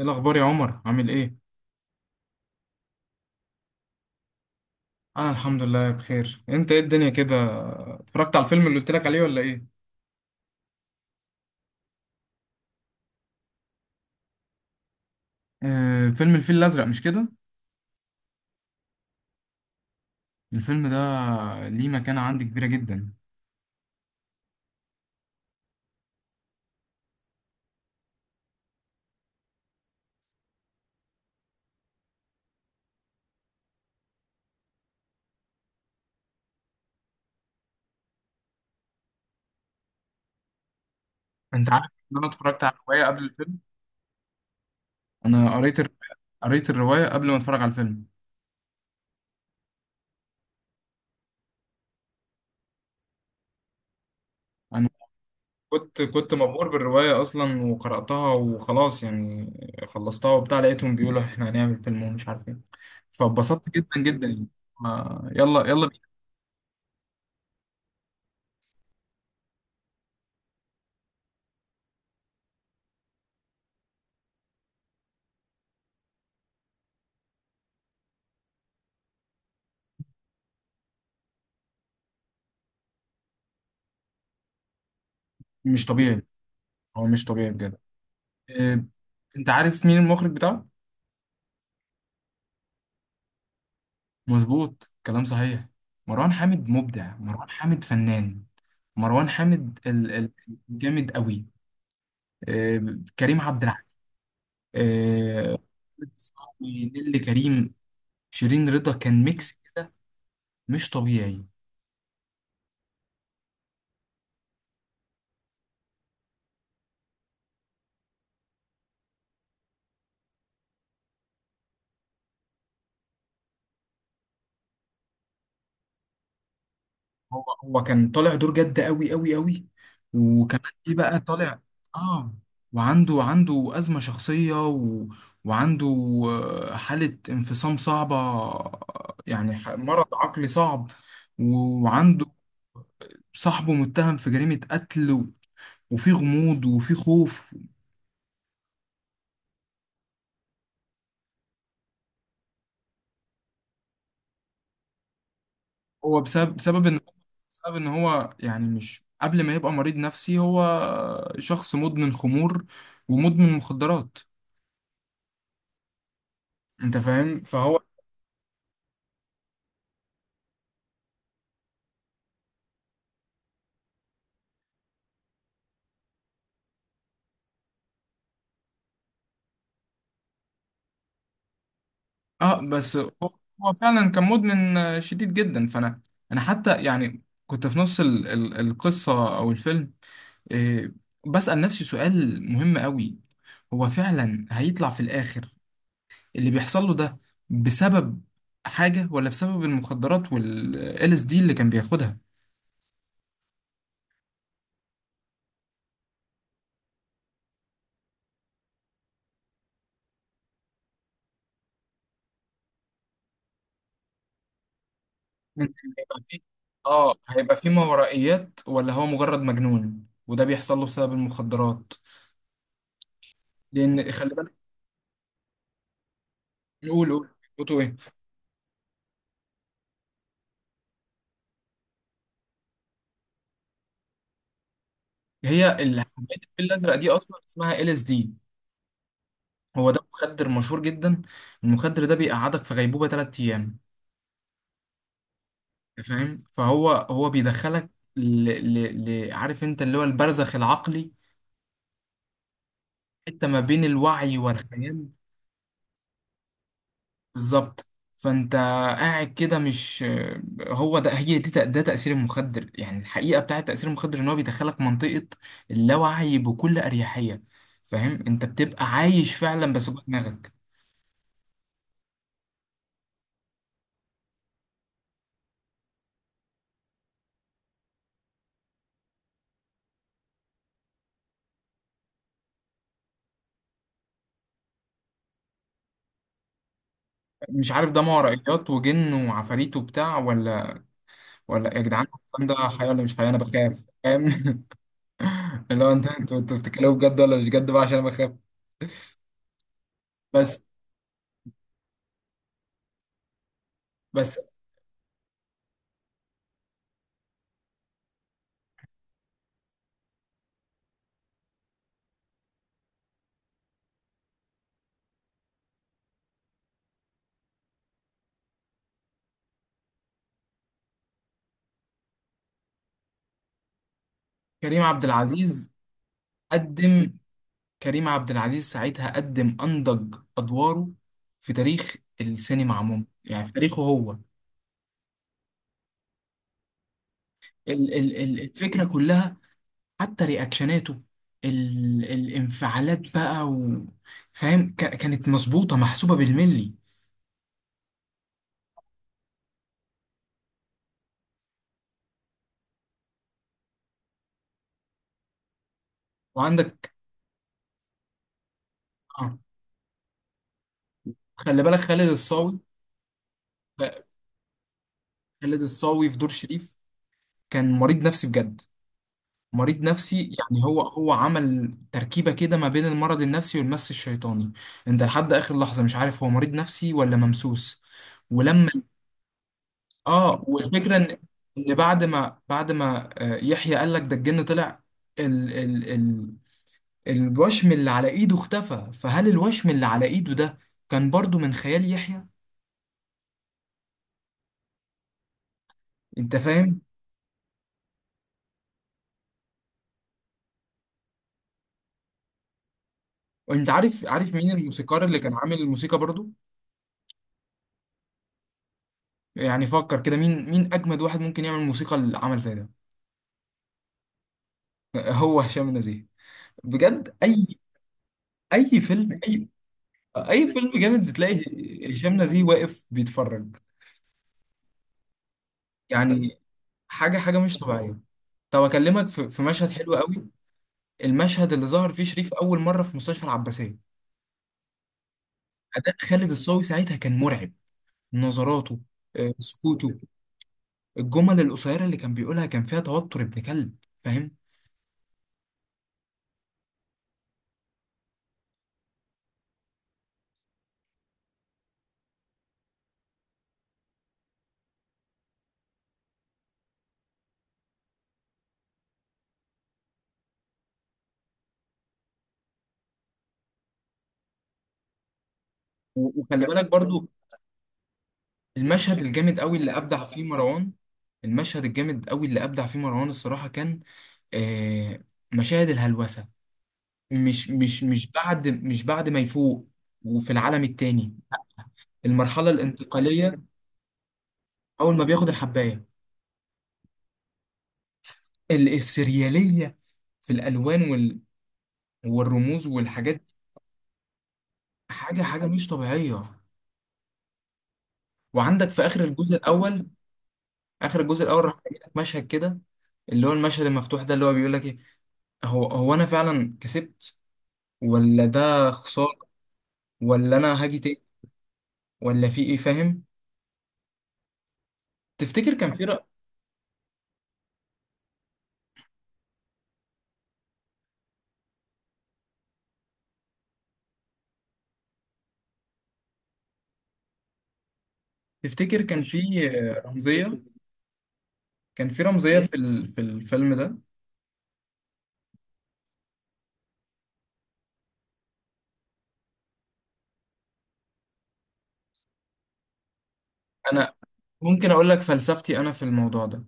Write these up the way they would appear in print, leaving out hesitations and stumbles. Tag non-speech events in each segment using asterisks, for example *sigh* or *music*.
ايه الاخبار يا عمر عامل ايه؟ انا الحمد لله بخير. انت ايه الدنيا كده؟ اتفرجت على الفيلم اللي قلت لك عليه ولا ايه؟ آه، فيلم الفيل الازرق مش كده؟ الفيلم ده ليه مكانة عندي كبيرة جدا. انت عارف ان انا اتفرجت على الرواية قبل الفيلم. انا قريت الر- قريت الرواية قبل ما اتفرج على الفيلم. انا كنت مبهور بالرواية اصلا وقرأتها وخلاص يعني. خلصتها وبتاع لقيتهم بيقولوا احنا هنعمل فيلم ومش عارف ايه، فاتبسطت جدا جدا يعني. آه، يلا يلا بينا. مش طبيعي. هو مش طبيعي بجد. إيه، انت عارف مين المخرج بتاعه؟ مظبوط، كلام صحيح. مروان حامد مبدع، مروان حامد فنان. مروان حامد الجامد قوي. إيه، كريم عبد العزيز. إيه، صاحبي نيللي كريم، شيرين رضا، كان ميكس كده. مش طبيعي. هو كان طالع دور جد قوي قوي قوي. وكمان ايه بقى طالع. اه. وعنده أزمة شخصية، وعنده حالة انفصام صعبة، يعني مرض عقلي صعب. وعنده صاحبه متهم في جريمة قتل، وفي غموض وفي خوف. هو بسبب بسبب ان بسبب ان هو يعني، مش قبل ما يبقى مريض نفسي، هو شخص مدمن خمور ومدمن مخدرات. انت فاهم. فهو اه بس هو فعلا كان مدمن، شديد جدا. انا حتى يعني كنت في نص ال ال القصه او الفيلم، آه، بسأل نفسي سؤال مهم قوي. هو فعلا هيطلع في الاخر اللي بيحصل له ده بسبب حاجه، ولا بسبب المخدرات وال LSD اللي كان بياخدها؟ ممكن هيبقى فيه ما ورائيات، ولا هو مجرد مجنون وده بيحصل له بسبب المخدرات؟ لان خلي بالك. نقول قول قول- قلتوا ايه؟ هي حبايه الفيل الازرق دي اصلا اسمها ال اس دي. هو ده مخدر مشهور جدا. المخدر ده بيقعدك في غيبوبة 3 أيام. أنت فاهم، فهو بيدخلك، ل... عارف انت اللي هو البرزخ العقلي. حتة ما بين الوعي والخيال. بالظبط. فانت قاعد كده، مش هو ده هي دي تأ- ده تأثير المخدر. يعني الحقيقة بتاعة تأثير المخدر ان هو بيدخلك منطقة اللاوعي بكل أريحية. فاهم، انت بتبقى عايش فعلا بس جوه دماغك. مش عارف ده مع رأيات وجن وعفاريت وبتاع، ولا يا جدعان؟ الكلام ده حقيقي ولا مش حقيقي، انا بخاف، فاهم؟ *laughs* اللي هو انتوا بتتكلموا بجد ولا مش بجد بقى، عشان انا بخاف. بس بس كريم عبد العزيز قدم كريم عبد العزيز ساعتها قدم انضج ادواره في تاريخ السينما عموما، يعني في تاريخه هو. ال ال ال الفكره كلها، حتى رياكشناته، الانفعالات بقى، فاهم، كانت مظبوطه محسوبه بالملي. وعندك، آه، خلي بالك، خالد الصاوي. خالد الصاوي في دور شريف كان مريض نفسي بجد. مريض نفسي يعني، هو عمل تركيبة كده ما بين المرض النفسي والمس الشيطاني. انت لحد اخر لحظة مش عارف هو مريض نفسي ولا ممسوس. ولما اه والفكرة ان بعد ما يحيى قال لك ده الجن طلع، ال ال ال الوشم اللي على ايده اختفى. فهل الوشم اللي على ايده ده كان برضو من خيال يحيى؟ انت فاهم. انت عارف مين الموسيقار اللي كان عامل الموسيقى برضو؟ يعني فكر كده، مين اجمد واحد ممكن يعمل موسيقى لعمل زي ده؟ هو هشام نزيه. بجد، اي فيلم اي اي فيلم جامد بتلاقي هشام نزيه واقف بيتفرج. يعني حاجه مش طبيعيه. طب اكلمك في مشهد حلو قوي. المشهد اللي ظهر فيه شريف اول مره في مستشفى العباسيه. اداء خالد الصاوي ساعتها كان مرعب، نظراته، سكوته، الجمل القصيره اللي كان بيقولها كان فيها توتر ابن كلب. فاهم. وخلي بالك برضو، المشهد الجامد قوي اللي ابدع فيه مروان المشهد الجامد قوي اللي ابدع فيه مروان، الصراحه كان، آه، مشاهد الهلوسه، مش بعد ما يفوق، وفي العالم التاني. المرحله الانتقاليه، اول ما بياخد الحبايه، السرياليه في الالوان والرموز والحاجات دي. حاجه مش طبيعيه. وعندك في اخر الجزء الاول، راح يجيلك مشهد كده، اللي هو المشهد المفتوح ده، اللي هو بيقول لك ايه. هو هو انا فعلا كسبت، ولا ده خسارة، ولا أنا هاجي تاني، ولا في إيه، فاهم؟ تفتكر كان في رأ... تفتكر كان في رمزية، في الفيلم ده؟ أنا ممكن أقول لك فلسفتي أنا في الموضوع ده.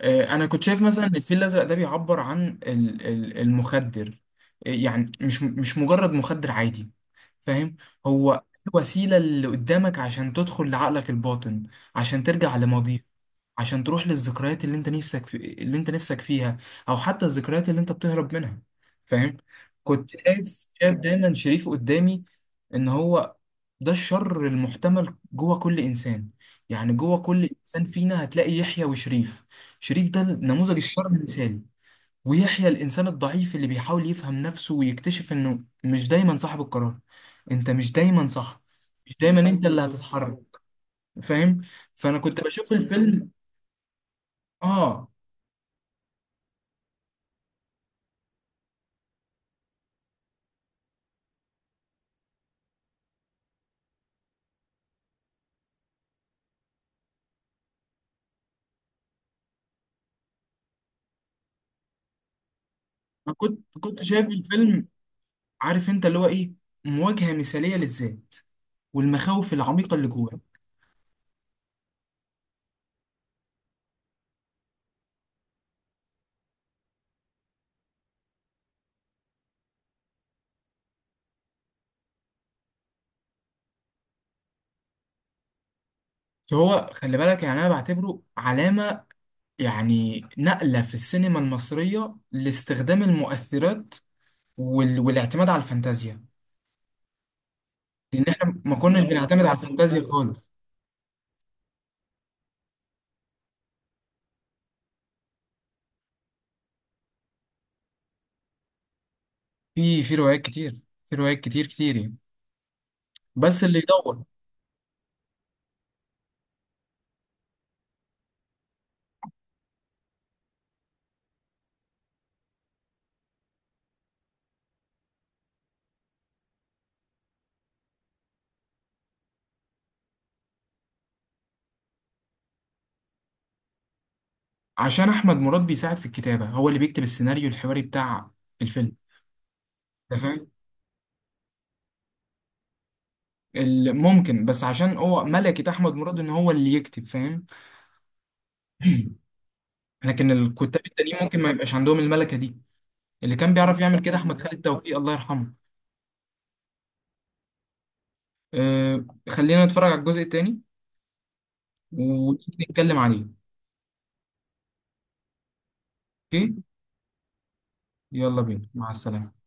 أنا كنت شايف مثلا إن الفيل الأزرق ده بيعبر عن المخدر، يعني مش مجرد مخدر عادي. فاهم. هو الوسيلة اللي قدامك عشان تدخل لعقلك الباطن، عشان ترجع لماضيك، عشان تروح للذكريات اللي انت نفسك فيها، او حتى الذكريات اللي انت بتهرب منها. فاهم. كنت شايف دايما شريف قدامي، ان هو ده الشر المحتمل جوه كل انسان. يعني جوه كل انسان فينا هتلاقي يحيى وشريف. شريف ده نموذج الشر المثالي، ويحيى الانسان الضعيف اللي بيحاول يفهم نفسه ويكتشف انه مش دايما صاحب القرار. انت مش دايما صح، مش دايما انت اللي هتتحرك، فاهم. فانا كنت بشوف الفيلم اه انا كنت شايف الفيلم، عارف انت اللي هو ايه، مواجهة مثالية للذات والمخاوف العميقة اللي جواه. فهو خلي بالك، يعني انا بعتبره علامة، يعني نقلة في السينما المصرية لاستخدام المؤثرات والاعتماد على الفانتازيا. لان احنا ما كناش، ايوه، بنعتمد على، صح، الفانتازيا، ايوه، خالص. في روايات كتير، في روايات كتير كتير يعني. بس اللي يدور. عشان احمد مراد بيساعد في الكتابة، هو اللي بيكتب السيناريو الحواري بتاع الفيلم ده. فاهم. ممكن، بس عشان هو ملكة احمد مراد ان هو اللي يكتب. فاهم. لكن الكتاب التانيين ممكن ما يبقاش عندهم الملكة دي. اللي كان بيعرف يعمل كده احمد خالد توفيق، الله يرحمه. أه، خلينا نتفرج على الجزء التاني ونتكلم عليه. اوكي، يلا بينا، مع السلامة.